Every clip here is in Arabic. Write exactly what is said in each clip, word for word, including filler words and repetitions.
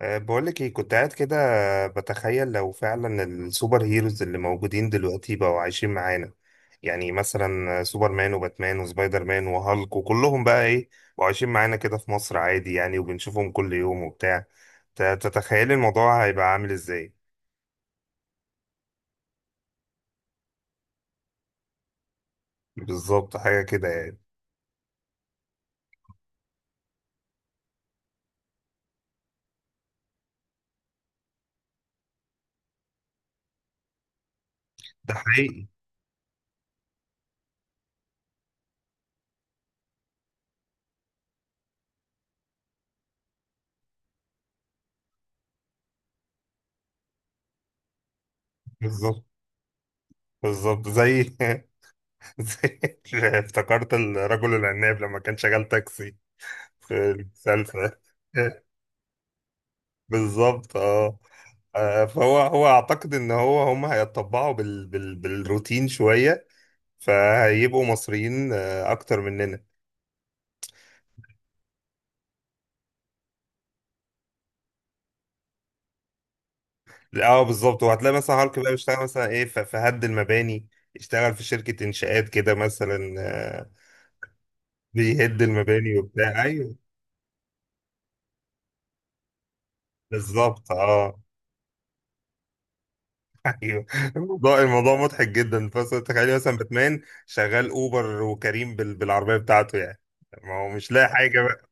أه، بقولك ايه كنت قاعد كده، بتخيل لو فعلا السوبر هيروز اللي موجودين دلوقتي بقوا عايشين معانا. يعني مثلا سوبر مان وباتمان وسبايدر مان وهالك وكلهم بقى ايه، بقوا عايشين معانا كده في مصر عادي يعني وبنشوفهم كل يوم وبتاع. ت- تتخيلي الموضوع هيبقى عامل ازاي؟ بالظبط حاجة كده يعني. ده حقيقي. بالظبط. بالظبط زي زي، افتكرت الرجل العناب لما كان شغال تاكسي في المسلسل. بالظبط اه. آه، فهو هو اعتقد ان هو هم هيتطبعوا بال بال بالروتين شويه، فهيبقوا مصريين آه، اكتر مننا. اه بالظبط، وهتلاقي مثلا هالك بقى بيشتغل مثلا ايه، ف- في هد المباني. اشتغل في شركه انشاءات كده مثلا آه، بيهد المباني وبتاع، ايوه بالظبط اه. ايوه، الموضوع الموضوع مضحك جدا، بس تخيلي مثلا باتمان شغال اوبر وكريم بال بالعربيه بتاعته يعني. ما هو مش لاقي حاجه بقى.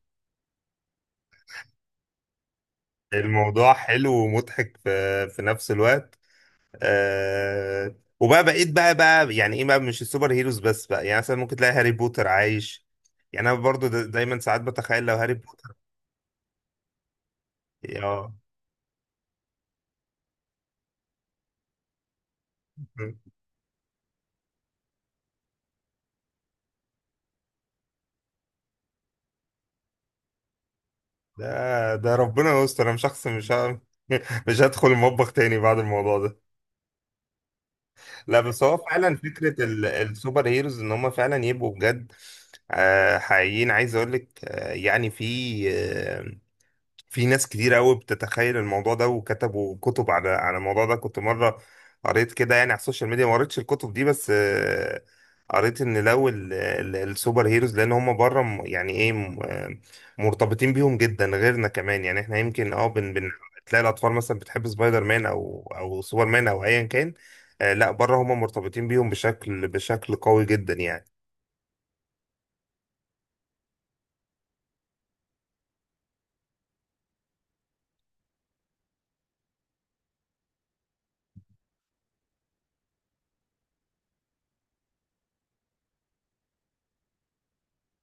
الموضوع حلو ومضحك في في نفس الوقت. آه وبقى بقيت بقى بقى يعني ايه بقى، مش السوبر هيروز بس بقى. يعني مثلا ممكن تلاقي هاري بوتر عايش، يعني انا برضو دا دايما ساعات بتخيل لو هاري بوتر. اه، ده ده ربنا يستر، انا شخص مش ه... مش هدخل المطبخ تاني بعد الموضوع ده. لا بس هو فعلا فكرة ال... السوبر هيروز ان هم فعلا يبقوا بجد. آه حقيقيين، عايز اقول لك. آه يعني في آه، في ناس كتير قوي بتتخيل الموضوع ده، وكتبوا كتب على على الموضوع ده. كنت مرة قريت كده يعني على السوشيال ميديا، ما قريتش الكتب دي بس آه، قريت ان لو ال- ال- السوبر هيروز، لان هم بره، م- يعني ايه م- آه، مرتبطين بيهم جدا غيرنا كمان. يعني احنا يمكن اه بن بن تلاقي الاطفال مثلا بتحب سبايدر مان او او سوبر مان او ايا كان. آه، لا بره هم مرتبطين بيهم بشكل بشكل قوي جدا يعني.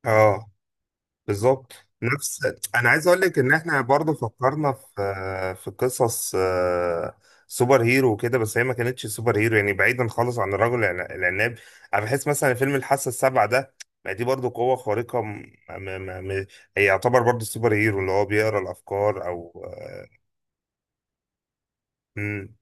اه بالظبط. نفس، انا عايز اقول لك ان احنا برضو فكرنا في في قصص آه، سوبر هيرو وكده، بس هي ما كانتش سوبر هيرو يعني، بعيدا خالص عن الرجل الع- العناب. انا بحس مثلا فيلم الحاسه السابعه ده، ما دي برضو قوه خارقه م... م... م... م... هي يعتبر برضو سوبر هيرو، اللي هو بيقرا الافكار او آه، مم.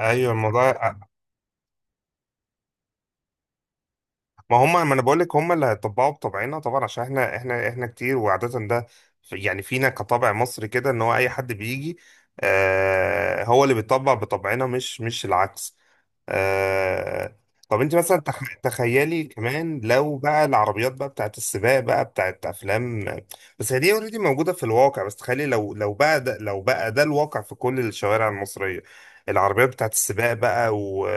ايوه الموضوع. ما هم، ما انا بقول لك هم اللي هيطبقوا بطبعنا طبعا، عشان احنا احنا احنا كتير، وعادة ده في- يعني فينا كطبع مصري كده، ان هو اي حد بيجي، آه، هو اللي بيطبق بطبعنا مش مش العكس. آه... طب انت مثلا تخ... تخيلي كمان لو بقى العربيات بقى بتاعت السباق بقى بتاعت افلام. بس هي دي اوريدي موجوده في الواقع، بس تخيلي لو لو بقى ده، لو بقى ده الواقع في كل الشوارع المصريه. العربيات بتاعت السباق بقى و...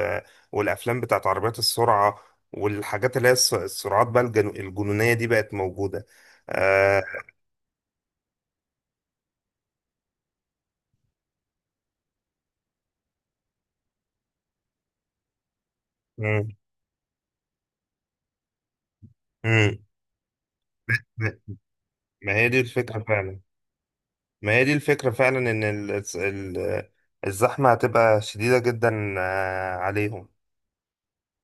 والافلام بتاعت عربيات السرعه، والحاجات اللي هي الس- السرعات بقى الجنو... الجنونيه دي بقت موجوده. آه... مم. مم. ما هي دي الفكره فعلا، ما هي دي الفكرة فعلا إن ال- الس- ال- الزحمة هتبقى شديدة جدا آه، عليهم.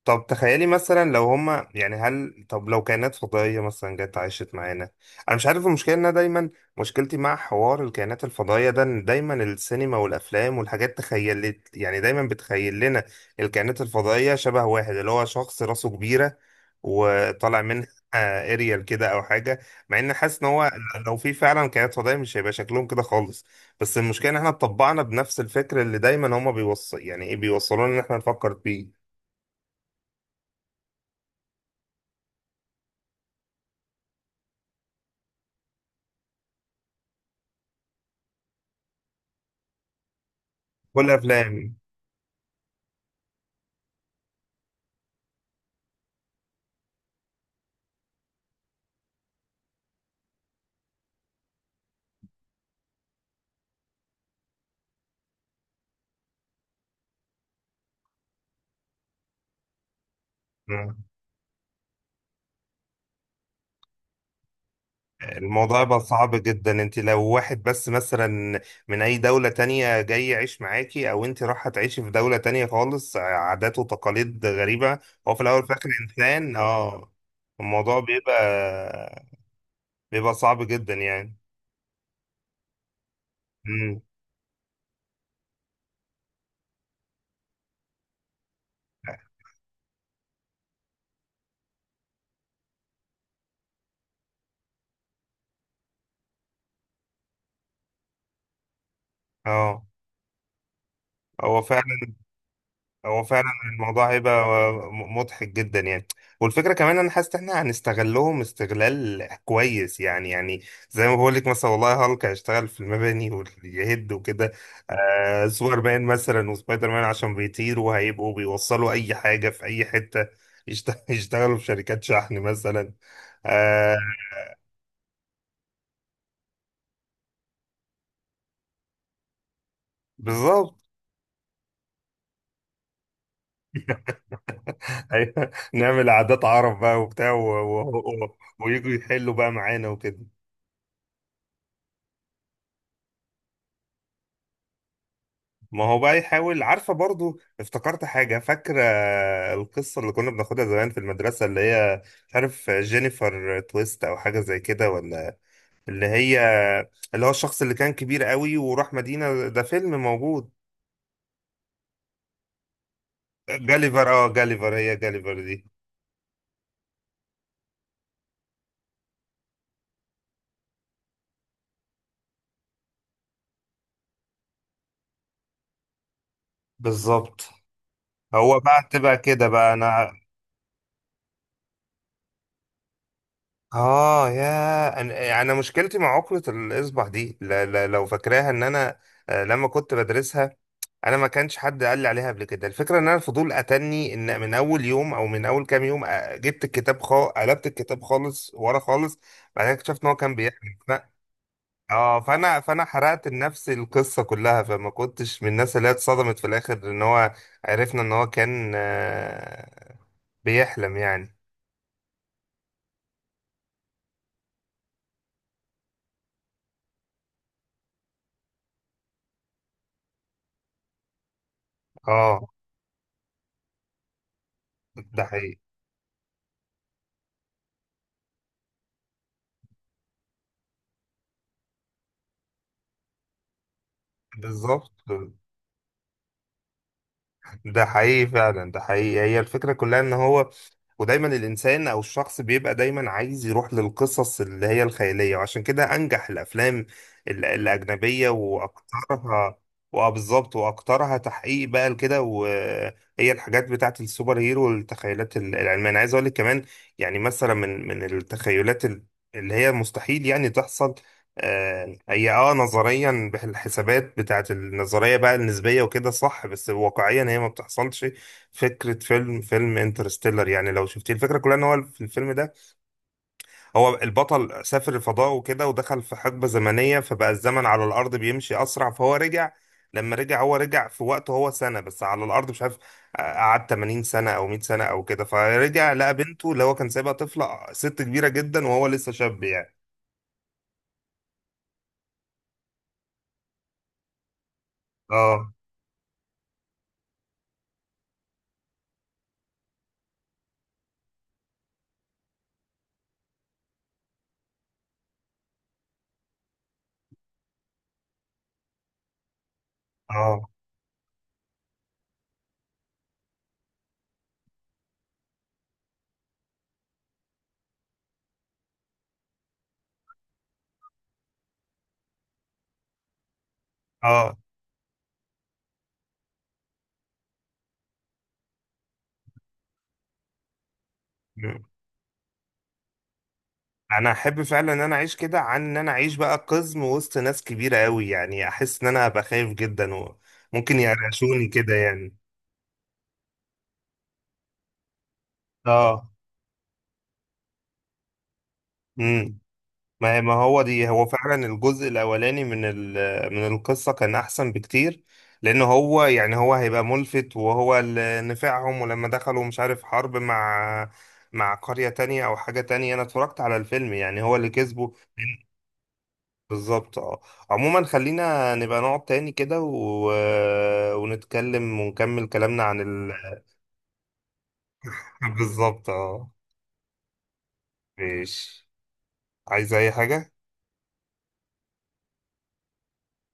طب تخيلي مثلا لو هما، يعني هل، طب لو كائنات فضائية مثلا جت عاشت معانا. أنا مش عارف، المشكلة إن أنا دايما مشكلتي مع حوار الكائنات الفضائية ده، إن دايما السينما والأفلام والحاجات تخيلت، يعني دايما بتخيل لنا الكائنات الفضائية شبه واحد اللي هو شخص راسه كبيرة وطالع منها. اريال كده أو حاجة، مع إن حاسس إن هو لو في فعلا كائنات فضائية مش هيبقى شكلهم كده خالص. بس المشكلة إن إحنا اتطبعنا بنفس الفكر اللي دايما هما بيوصل، يعني إيه، بيوصلونا إن إحنا نفكر فيه. كل افلام. الموضوع بقى صعب جدا، انت لو واحد بس مثلا من اي دولة تانية جاي يعيش معاكي، او انت رايحة تعيشي في دولة تانية خالص، عادات وتقاليد غريبة، هو في الاول وفي الاخر انسان، اه. الموضوع بيبقى بيبقى صعب جدا يعني. امم اه، هو فعلا هو فعلا. الموضوع هيبقى م- مضحك جدا يعني. والفكره كمان، انا حاسس ان احنا هنستغلهم استغلال كويس يعني يعني. زي ما بقول لك، مثلا والله هالك هيشتغل في المباني ويهد وكده. آه سوبر مان مثلا وسبايدر مان، عشان بيطيروا هيبقوا بيوصلوا اي حاجه في اي حته. يشت- يشتغلوا في شركات شحن مثلا. آه بالظبط. أيوة. نعمل عادات عرب بقى وبتاع، و- و- و- ويجوا يحلوا بقى معانا وكده. ما هو بقى يحاول. عارفة؟ برضو افتكرت حاجة. فاكرة القصة اللي كنا بناخدها زمان في المدرسة، اللي هي مش عارف، جينيفر تويست أو حاجة زي كده ولا؟ اللي هي اللي هو الشخص اللي كان كبير قوي وراح مدينة، ده فيلم موجود. جاليفر، اه جاليفر، هي جاليفر دي. بالظبط. هو بقى تبقى كده بقى أنا. اه يا انا، يعني أنا مشكلتي مع عقدة الاصبع دي، ل- ل- لو فاكراها، ان انا آه، لما كنت بدرسها، انا ما كانش حد قال لي عليها قبل كده، الفكره ان انا الفضول اتني ان من اول يوم او من اول كام يوم، آه، جبت الكتاب، خا قلبت الكتاب خالص ورا خالص. بعد كده اكتشفت ان هو كان بيحكي ف... اه، فانا فانا حرقت لنفسي القصه كلها، فما كنتش من الناس اللي هي اتصدمت في الاخر، ان هو عرفنا ان هو كان آه، بيحلم يعني. اه ده حقيقي، بالظبط ده حقيقي فعلا، ده حقيقي. هي الفكرة كلها ان هو، ودايما الانسان او الشخص بيبقى دايما عايز يروح للقصص اللي هي الخيالية، وعشان كده انجح الافلام ال- الاجنبية واكترها. واه بالظبط، واكترها تحقيق بقى لكده، وهي الحاجات بتاعت السوبر هيرو والتخيلات ال- العلمية. انا عايز اقول لك كمان، يعني مثلا من من التخيلات ال- اللي هي مستحيل يعني تحصل. آه، هي اه، نظريا بح- الحسابات بتاعت النظرية بقى النسبية وكده صح، بس واقعيا هي ما بتحصلش. فكرة فيلم فيلم انترستيلر، يعني لو شفتيه، الفكرة كلها ان هو في الفيلم ده هو البطل سافر الفضاء وكده، ودخل في حقبة زمنية، فبقى الزمن على الأرض بيمشي أسرع، فهو رجع. لما رجع هو رجع في وقته هو سنة، بس على الأرض مش عارف، آه، قعد تمانين سنة أو مائة سنة أو كده، فرجع لقى بنته اللي هو كان سايبها طفلة ست كبيرة جدا، وهو لسه شاب يعني. اه اه اه، انا احب فعلا ان انا اعيش كده، عن ان انا اعيش بقى قزم وسط ناس كبيره قوي، يعني احس ان انا هبقى خايف جدا وممكن يقرشوني كده يعني. اه. امم ما ما هو دي، هو فعلا الجزء الاولاني من ال- من القصه كان احسن بكتير، لان هو يعني هو هيبقى ملفت، وهو اللي نفعهم. ولما دخلوا مش عارف حرب مع مع قريه تانية او حاجه تانية، انا اتفرجت على الفيلم، يعني هو اللي كسبه. بالظبط اه. عموما خلينا نبقى نقعد تاني كده و... ونتكلم ونكمل كلامنا عن ال... بالظبط اه. ماشي. عايز اي حاجة؟